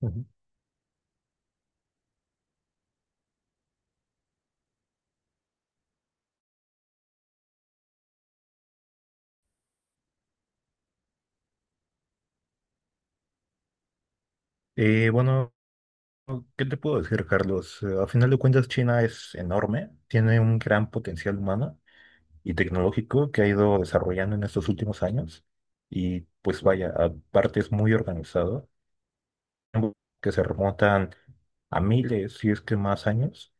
Ujú. Eh, bueno, ¿Qué te puedo decir, Carlos? A final de cuentas, China es enorme, tiene un gran potencial humano y tecnológico que ha ido desarrollando en estos últimos años. Y pues vaya, aparte es muy organizado, que se remontan a miles, si es que más años.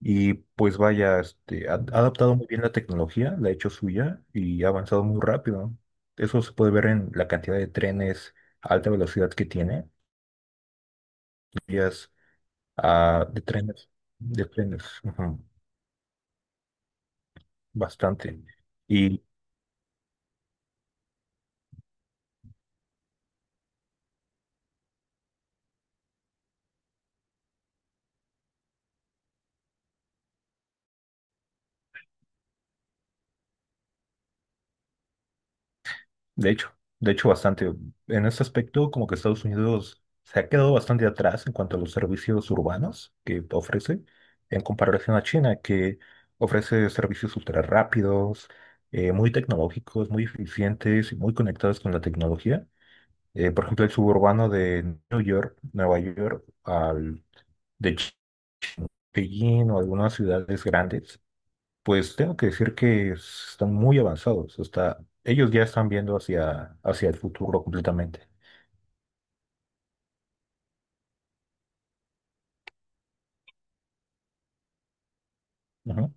Y pues vaya, ha adaptado muy bien la tecnología, la ha hecho suya y ha avanzado muy rápido. Eso se puede ver en la cantidad de trenes a alta velocidad que tiene. Vías. Ah, de trenes, ujú, bastante. Y de hecho, de hecho bastante. En ese aspecto, como que Estados Unidos se ha quedado bastante atrás en cuanto a los servicios urbanos que ofrece, en comparación a China, que ofrece servicios ultra rápidos, muy tecnológicos, muy eficientes y muy conectados con la tecnología. Por ejemplo, el suburbano de New York, Nueva York, al de Ch- Beijing o algunas ciudades grandes. Pues tengo que decir que están muy avanzados. Está, ellos ya están viendo hacia el futuro completamente. Ujú.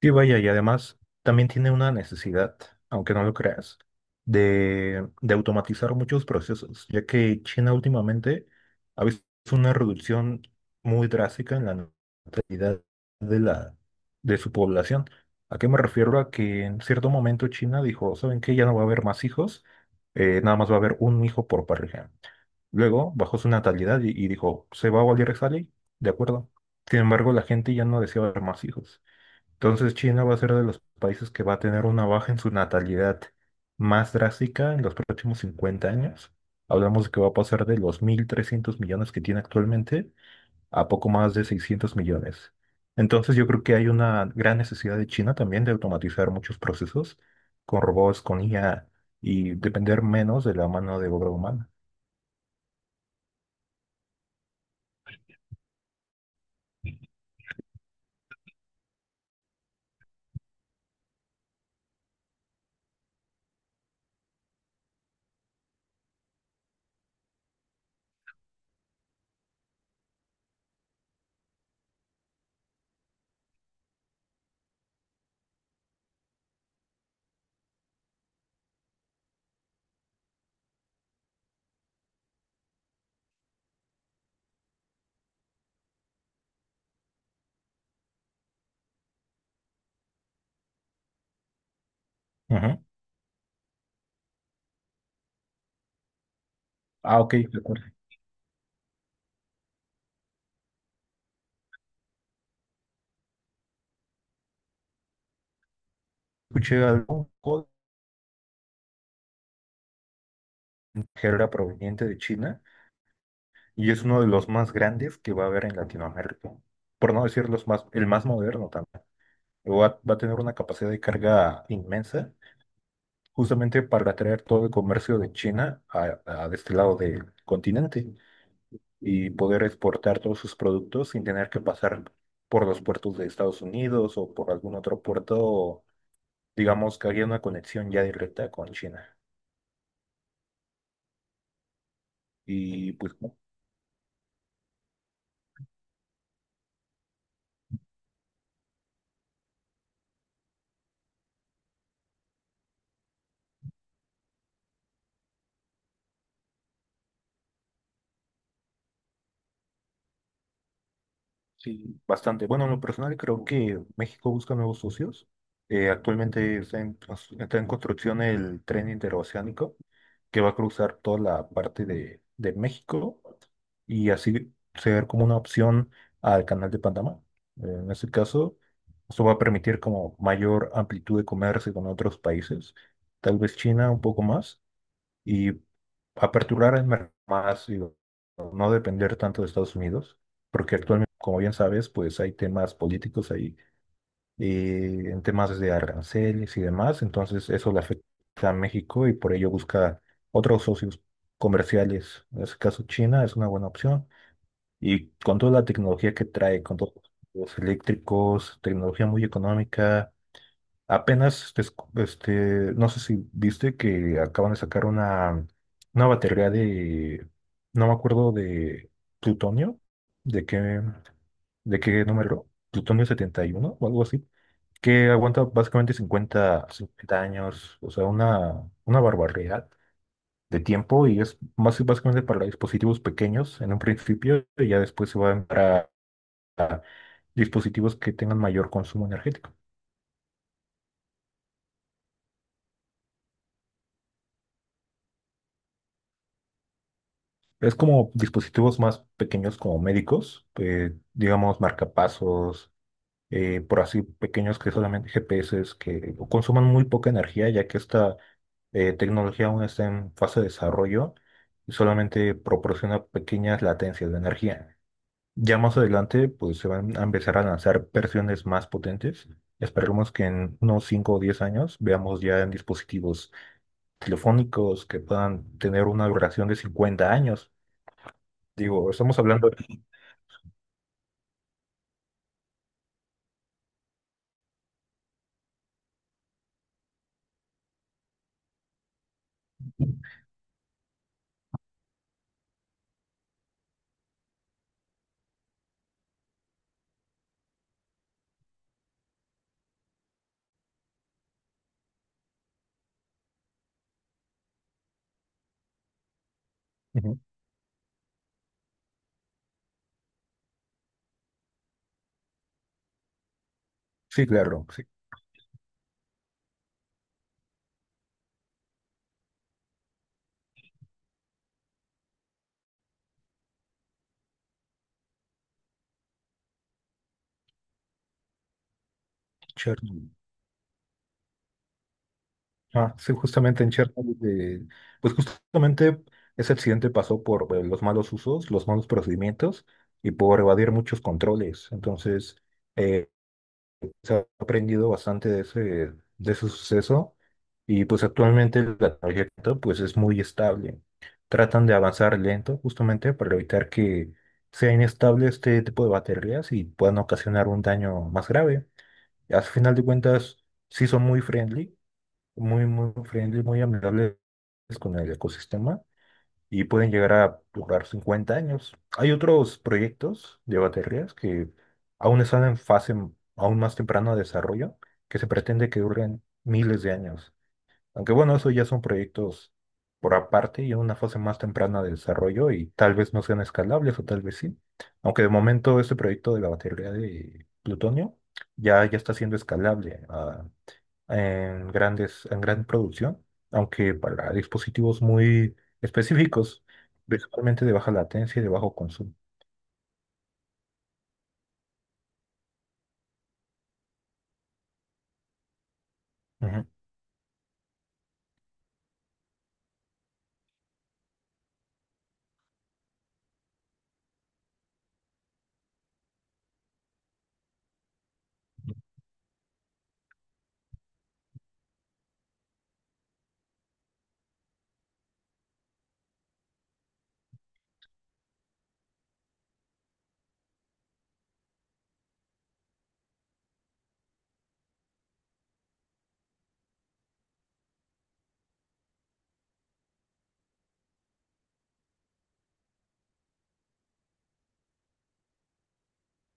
Sí, vaya, y además también tiene una necesidad, aunque no lo creas, de automatizar muchos procesos, ya que China últimamente ha visto una reducción muy drástica en la natalidad de la, de su población. ¿A qué me refiero? A que en cierto momento China dijo, ¿saben qué? Ya no va a haber más hijos, nada más va a haber un hijo por pareja. Luego bajó su natalidad y dijo, ¿se va a volver a salir? De acuerdo. Sin embargo, la gente ya no deseaba ver más hijos. Entonces China va a ser de los países que va a tener una baja en su natalidad más drástica en los próximos 50 años. Hablamos de que va a pasar de los 1.300 millones que tiene actualmente a poco más de 600 millones. Entonces yo creo que hay una gran necesidad de China también de automatizar muchos procesos con robots, con IA y depender menos de la mano de obra humana. Ah, ok, de acuerdo. Escuché algo que era proveniente de China y es uno de los más grandes que va a haber en Latinoamérica. Por no decir los más, el más moderno también. Va a tener una capacidad de carga inmensa, justamente para atraer todo el comercio de China a de este lado del continente y poder exportar todos sus productos sin tener que pasar por los puertos de Estados Unidos o por algún otro puerto, digamos que haya una conexión ya directa con China. Y pues. Sí, bastante. Bueno, en lo personal creo que México busca nuevos socios. Actualmente está está en construcción el tren interoceánico que va a cruzar toda la parte de México y así ser como una opción al canal de Panamá. En este caso, esto va a permitir como mayor amplitud de comercio con otros países, tal vez China un poco más y aperturar el mercado más, digo, no depender tanto de Estados Unidos, porque actualmente, como bien sabes, pues hay temas políticos ahí, en temas de aranceles y demás, entonces eso le afecta a México y por ello busca otros socios comerciales. En este caso, China es una buena opción y con toda la tecnología que trae, con todos los eléctricos, tecnología muy económica. Apenas, des- este, no sé si viste que acaban de sacar una batería de, no me acuerdo, de plutonio, de qué, de qué número, plutonio 71 o algo así, que aguanta básicamente 50 50 años, o sea, una barbaridad de tiempo y es más básicamente para dispositivos pequeños en un principio y ya después se va a entrar dispositivos que tengan mayor consumo energético. Es como dispositivos más pequeños como médicos, digamos marcapasos, por así pequeños que solamente GPS que consuman muy poca energía ya que esta, tecnología aún está en fase de desarrollo y solamente proporciona pequeñas latencias de energía. Ya más adelante pues se van a empezar a lanzar versiones más potentes. Esperemos que en unos 5 o 10 años veamos ya en dispositivos telefónicos que puedan tener una duración de 50 años. Digo, estamos hablando. Ujú. Sí, claro, sí. Chernobyl. Ah, sí, justamente en Chernobyl, pues justamente ese accidente pasó por los malos usos, los malos procedimientos y por evadir muchos controles. Entonces, eh, se ha aprendido bastante de ese suceso y pues actualmente la tarjeta pues es muy estable. Tratan de avanzar lento justamente para evitar que sea inestable este tipo de baterías y puedan ocasionar un daño más grave. Al final de cuentas, sí son muy friendly, muy friendly, muy amigables con el ecosistema y pueden llegar a durar 50 años. Hay otros proyectos de baterías que aún están en fase m- aún más temprana de desarrollo, que se pretende que duren miles de años. Aunque bueno, eso ya son proyectos por aparte y en una fase más temprana de desarrollo y tal vez no sean escalables o tal vez sí. Aunque de momento este proyecto de la batería de plutonio ya está siendo escalable, ah, en gran producción, aunque para dispositivos muy específicos, principalmente de baja latencia y de bajo consumo. Ujú.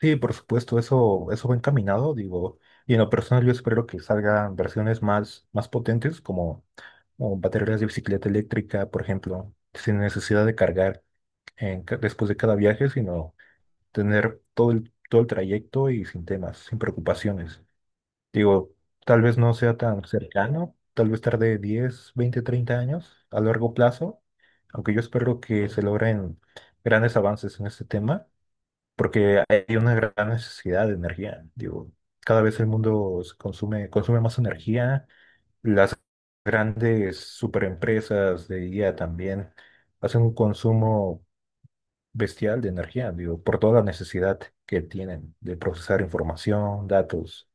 Sí, por supuesto, eso va encaminado, digo, y en lo personal yo espero que salgan versiones más potentes como o baterías de bicicleta eléctrica, por ejemplo, sin necesidad de cargar después de cada viaje, sino tener todo el trayecto y sin temas, sin preocupaciones. Digo, tal vez no sea tan cercano, tal vez tarde 10, 20, 30 años a largo plazo, aunque yo espero que se logren grandes avances en este tema, porque hay una gran necesidad de energía. Digo, cada vez el mundo se consume más energía, las grandes superempresas de IA también hacen un consumo bestial de energía, digo, por toda la necesidad que tienen de procesar información, datos.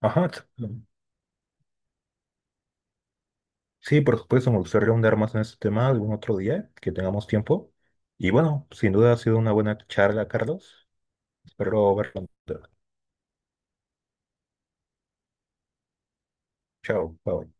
Ajá, t- sí, por supuesto, me gustaría ahondar más en este tema algún otro día que tengamos tiempo. Y bueno, sin duda ha sido una buena charla, Carlos. Espero verlo. Chao, bye.